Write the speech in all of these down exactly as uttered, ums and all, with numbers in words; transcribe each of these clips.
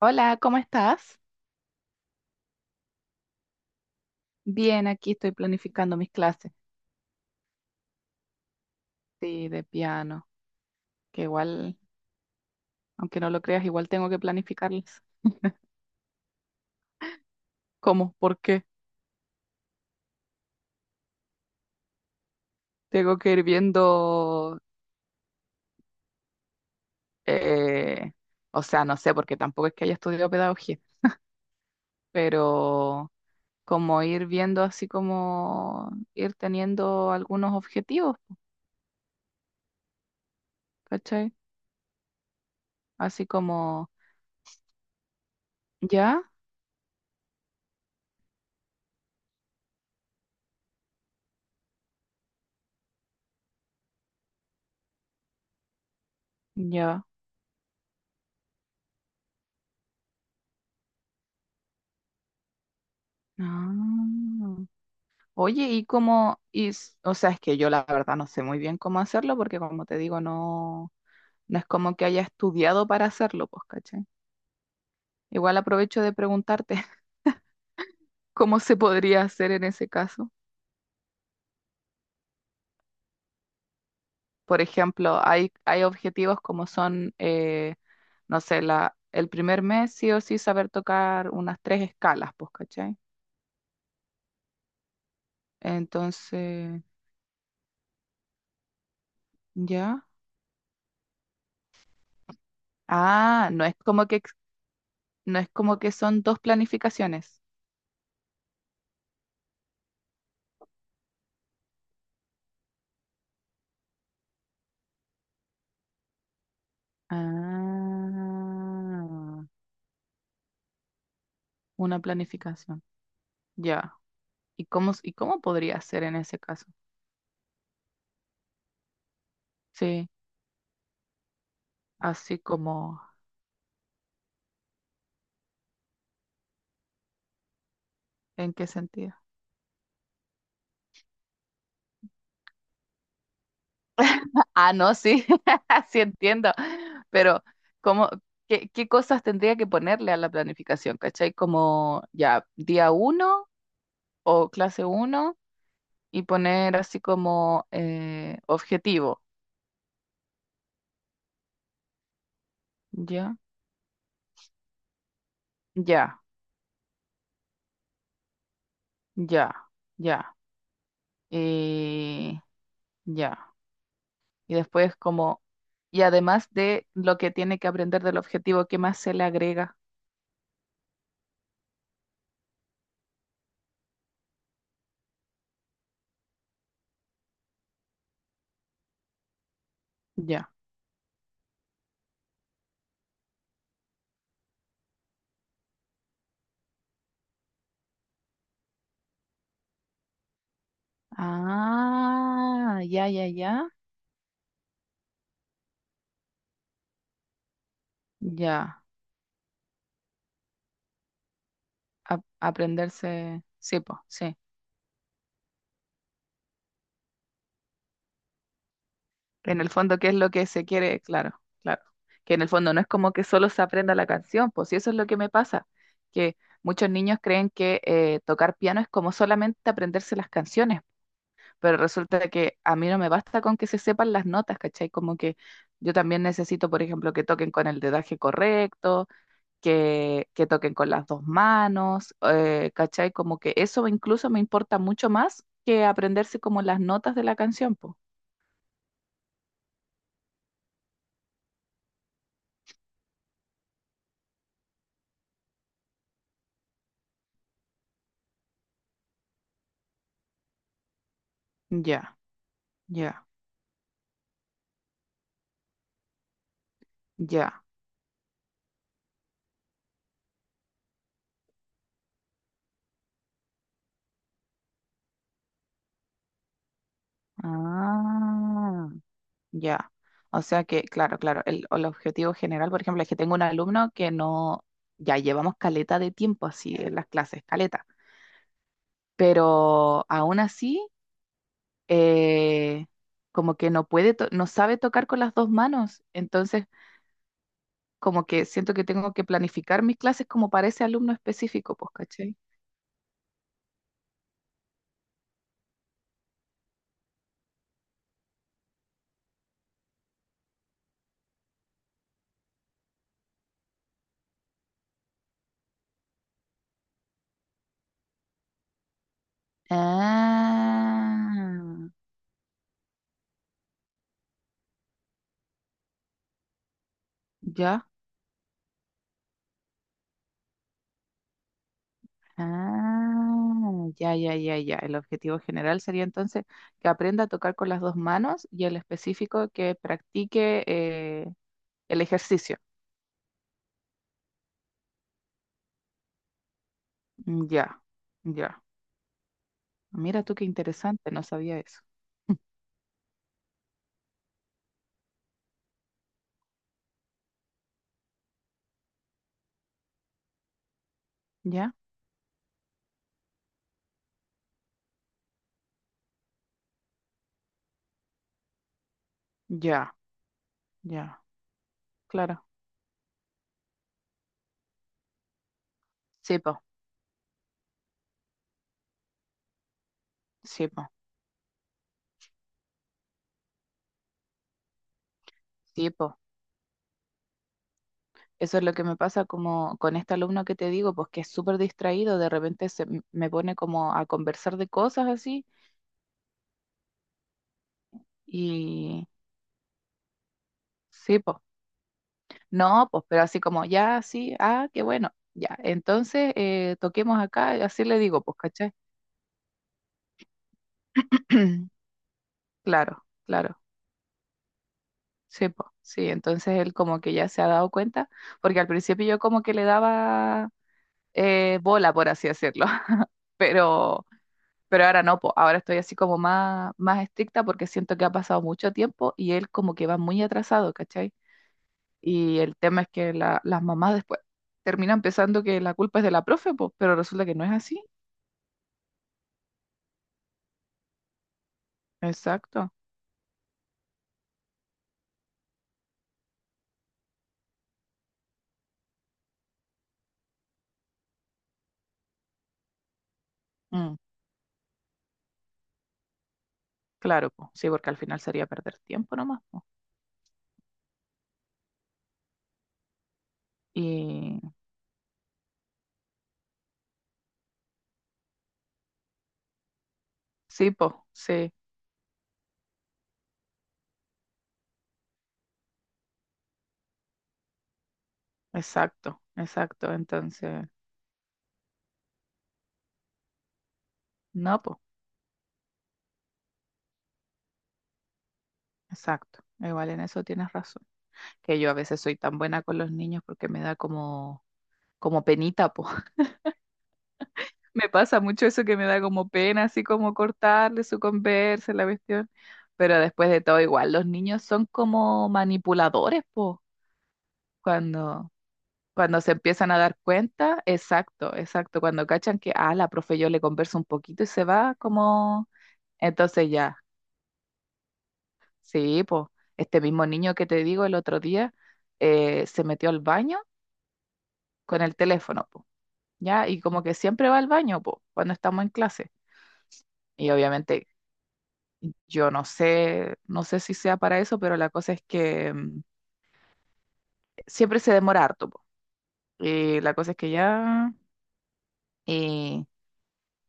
Hola, ¿cómo estás? Bien, aquí estoy planificando mis clases, sí, de piano, que igual, aunque no lo creas, igual tengo que planificarlas. ¿Cómo? ¿Por qué? Tengo que ir viendo, eh, o sea, no sé, porque tampoco es que haya estudiado pedagogía, pero como ir viendo así como ir teniendo algunos objetivos, ¿cachai? Así como, ya, ya. Ah. Oye, y cómo, y, s- o sea, es que yo la verdad no sé muy bien cómo hacerlo porque como te digo, no, no es como que haya estudiado para hacerlo, pues, ¿cachai? Igual aprovecho de preguntarte cómo se podría hacer en ese caso. Por ejemplo, hay, hay objetivos como son, eh, no sé, la, el primer mes sí o sí saber tocar unas tres escalas, pues, ¿cachai? Entonces, ¿ya? Ah, no es como que, ex- no es como que son dos planificaciones. Ah, una planificación. Ya. ¿Y cómo, y cómo podría ser en ese caso? Sí, así como, ¿en qué sentido? Ah, no, sí, sí entiendo. Pero, ¿cómo, qué, qué cosas tendría que ponerle a la planificación? ¿Cachai? Como ya, día uno o clase uno y poner así como eh, objetivo. Ya, ya, ya, ya. eh, ya. Y después como, y además de lo que tiene que aprender del objetivo, ¿qué más se le agrega? Ya. Ah, ya, ya, ya. Ya. A- aprenderse. Sí, pues, sí. En el fondo, ¿qué es lo que se quiere? Claro, claro. Que en el fondo no es como que solo se aprenda la canción, pues si eso es lo que me pasa, que muchos niños creen que eh, tocar piano es como solamente aprenderse las canciones. Pero resulta que a mí no me basta con que se sepan las notas, ¿cachai? Como que yo también necesito, por ejemplo, que toquen con el dedaje correcto, que, que toquen con las dos manos, eh, ¿cachai? Como que eso incluso me importa mucho más que aprenderse como las notas de la canción, po. Ya, ya, ya. Ah, ya. O sea que, claro, claro, el, el objetivo general, por ejemplo, es que tengo un alumno que no, ya llevamos caleta de tiempo así en las clases, caleta, pero aún así, eh, como que no puede, to- no sabe tocar con las dos manos, entonces como que siento que tengo que planificar mis clases como para ese alumno específico, pues, ¿cachai? Ah, ya. Ah, ya, ya, ya, ya. El objetivo general sería entonces que aprenda a tocar con las dos manos y el específico que practique eh, el ejercicio. Mm, ya, ya. Mira tú qué interesante, no sabía eso. ¿Ya? Ya, ya, claro. Sí, po, sí, po, sí, po. Eso es lo que me pasa como con este alumno que te digo, pues que es súper distraído, de repente se m- me pone como a conversar de cosas así, y sí, po. No, pues, pero así como, ya, sí, ah, qué bueno, ya. Entonces, eh, toquemos acá, y así le digo, pues, ¿cachai? Claro, claro, sí, po, sí. Entonces él como que ya se ha dado cuenta, porque al principio yo como que le daba eh, bola, por así decirlo. pero Pero ahora no, po, ahora estoy así como más, más estricta porque siento que ha pasado mucho tiempo y él como que va muy atrasado, ¿cachai? Y el tema es que la- las mamás después terminan pensando que la culpa es de la profe, pues, pero resulta que no es así. Exacto. Mm, claro, pues, sí, porque al final sería perder tiempo nomás, po. Y sí, pues, sí, exacto, exacto. Entonces, no, pues, exacto. Igual en eso tienes razón. Que yo a veces soy tan buena con los niños porque me da como, como penita, pues. Me pasa mucho eso que me da como pena, así como cortarle su conversa, la cuestión. Pero después de todo, igual, los niños son como manipuladores, po. Cuando, cuando se empiezan a dar cuenta, exacto, exacto. Cuando cachan que, ah, la profe yo le converso un poquito y se va, como. Entonces ya, sí, po. Este mismo niño que te digo el otro día eh, se metió al baño con el teléfono, po. Ya, y como que siempre va al baño, po, cuando estamos en clase. Y obviamente yo no sé, no sé si sea para eso, pero la cosa es que mm, siempre se demora harto, po. Y la cosa es que ya, y,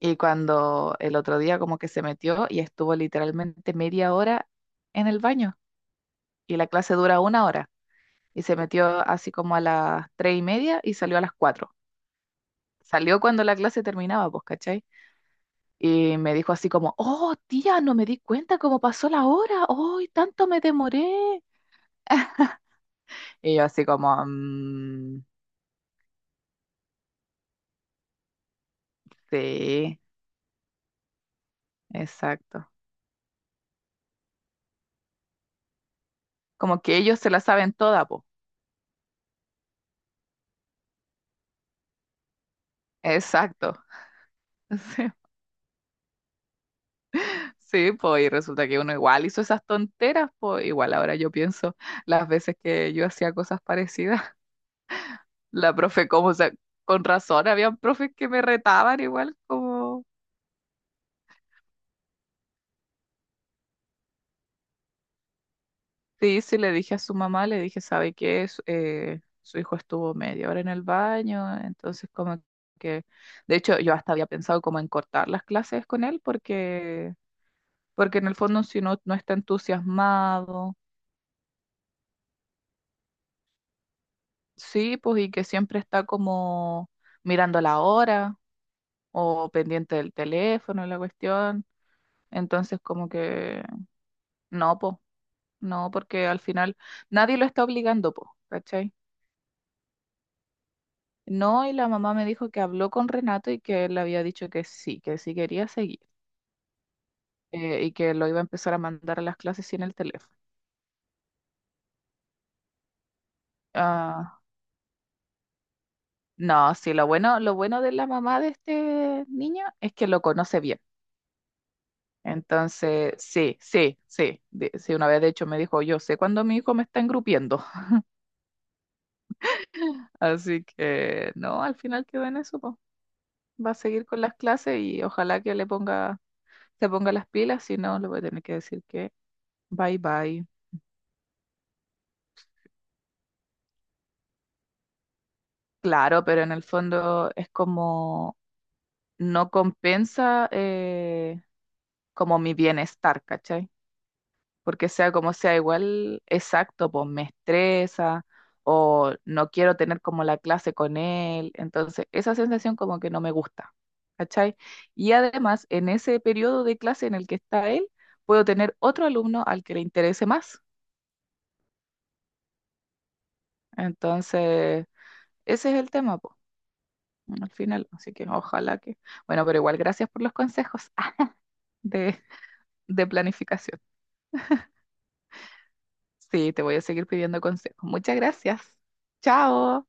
y cuando el otro día como que se metió y estuvo literalmente media hora en el baño, y la clase dura una hora, y se metió así como a las tres y media y salió a las cuatro. Salió cuando la clase terminaba, pues, ¿cachai? Y me dijo así como, oh, tía, no me di cuenta cómo pasó la hora, hoy tanto me demoré. Y yo así como... "Mm". Sí, exacto. Como que ellos se la saben toda, po. Exacto. Sí, sí, po, y resulta que uno igual hizo esas tonteras, po. Igual ahora yo pienso las veces que yo hacía cosas parecidas. La profe, como, o sea, con razón, habían profes que me retaban igual, como. Sí, sí, le dije a su mamá, le dije, ¿sabe qué? Su, eh, su hijo estuvo media hora en el baño, entonces como que. De hecho, yo hasta había pensado como en cortar las clases con él porque porque en el fondo si uno no está entusiasmado, sí, pues, y que siempre está como mirando la hora o pendiente del teléfono, la cuestión, entonces como que no, pues, no, porque al final nadie lo está obligando, pues, ¿cachai? No, y la mamá me dijo que habló con Renato y que él le había dicho que sí, que sí quería seguir, eh, y que lo iba a empezar a mandar a las clases sin el teléfono. Ah, no, sí, lo bueno, lo bueno de la mamá de este niño es que lo conoce bien. Entonces, sí, sí, sí, de- sí, una vez de hecho me dijo, yo sé cuando mi hijo me está engrupiendo, así que no, al final quedó en eso, po. Va a seguir con las clases y ojalá que le ponga, se ponga las pilas, si no, le voy a tener que decir que bye bye. Claro, pero en el fondo es como no compensa eh, como mi bienestar, ¿cachai? Porque sea como sea, igual exacto, pues me estresa o no quiero tener como la clase con él, entonces esa sensación como que no me gusta, ¿cachai? Y además, en ese periodo de clase en el que está él, puedo tener otro alumno al que le interese más, entonces ese es el tema, pues, al final, así que ojalá que... Bueno, pero igual gracias por los consejos de, de planificación. Sí, te voy a seguir pidiendo consejos. Muchas gracias. Chao.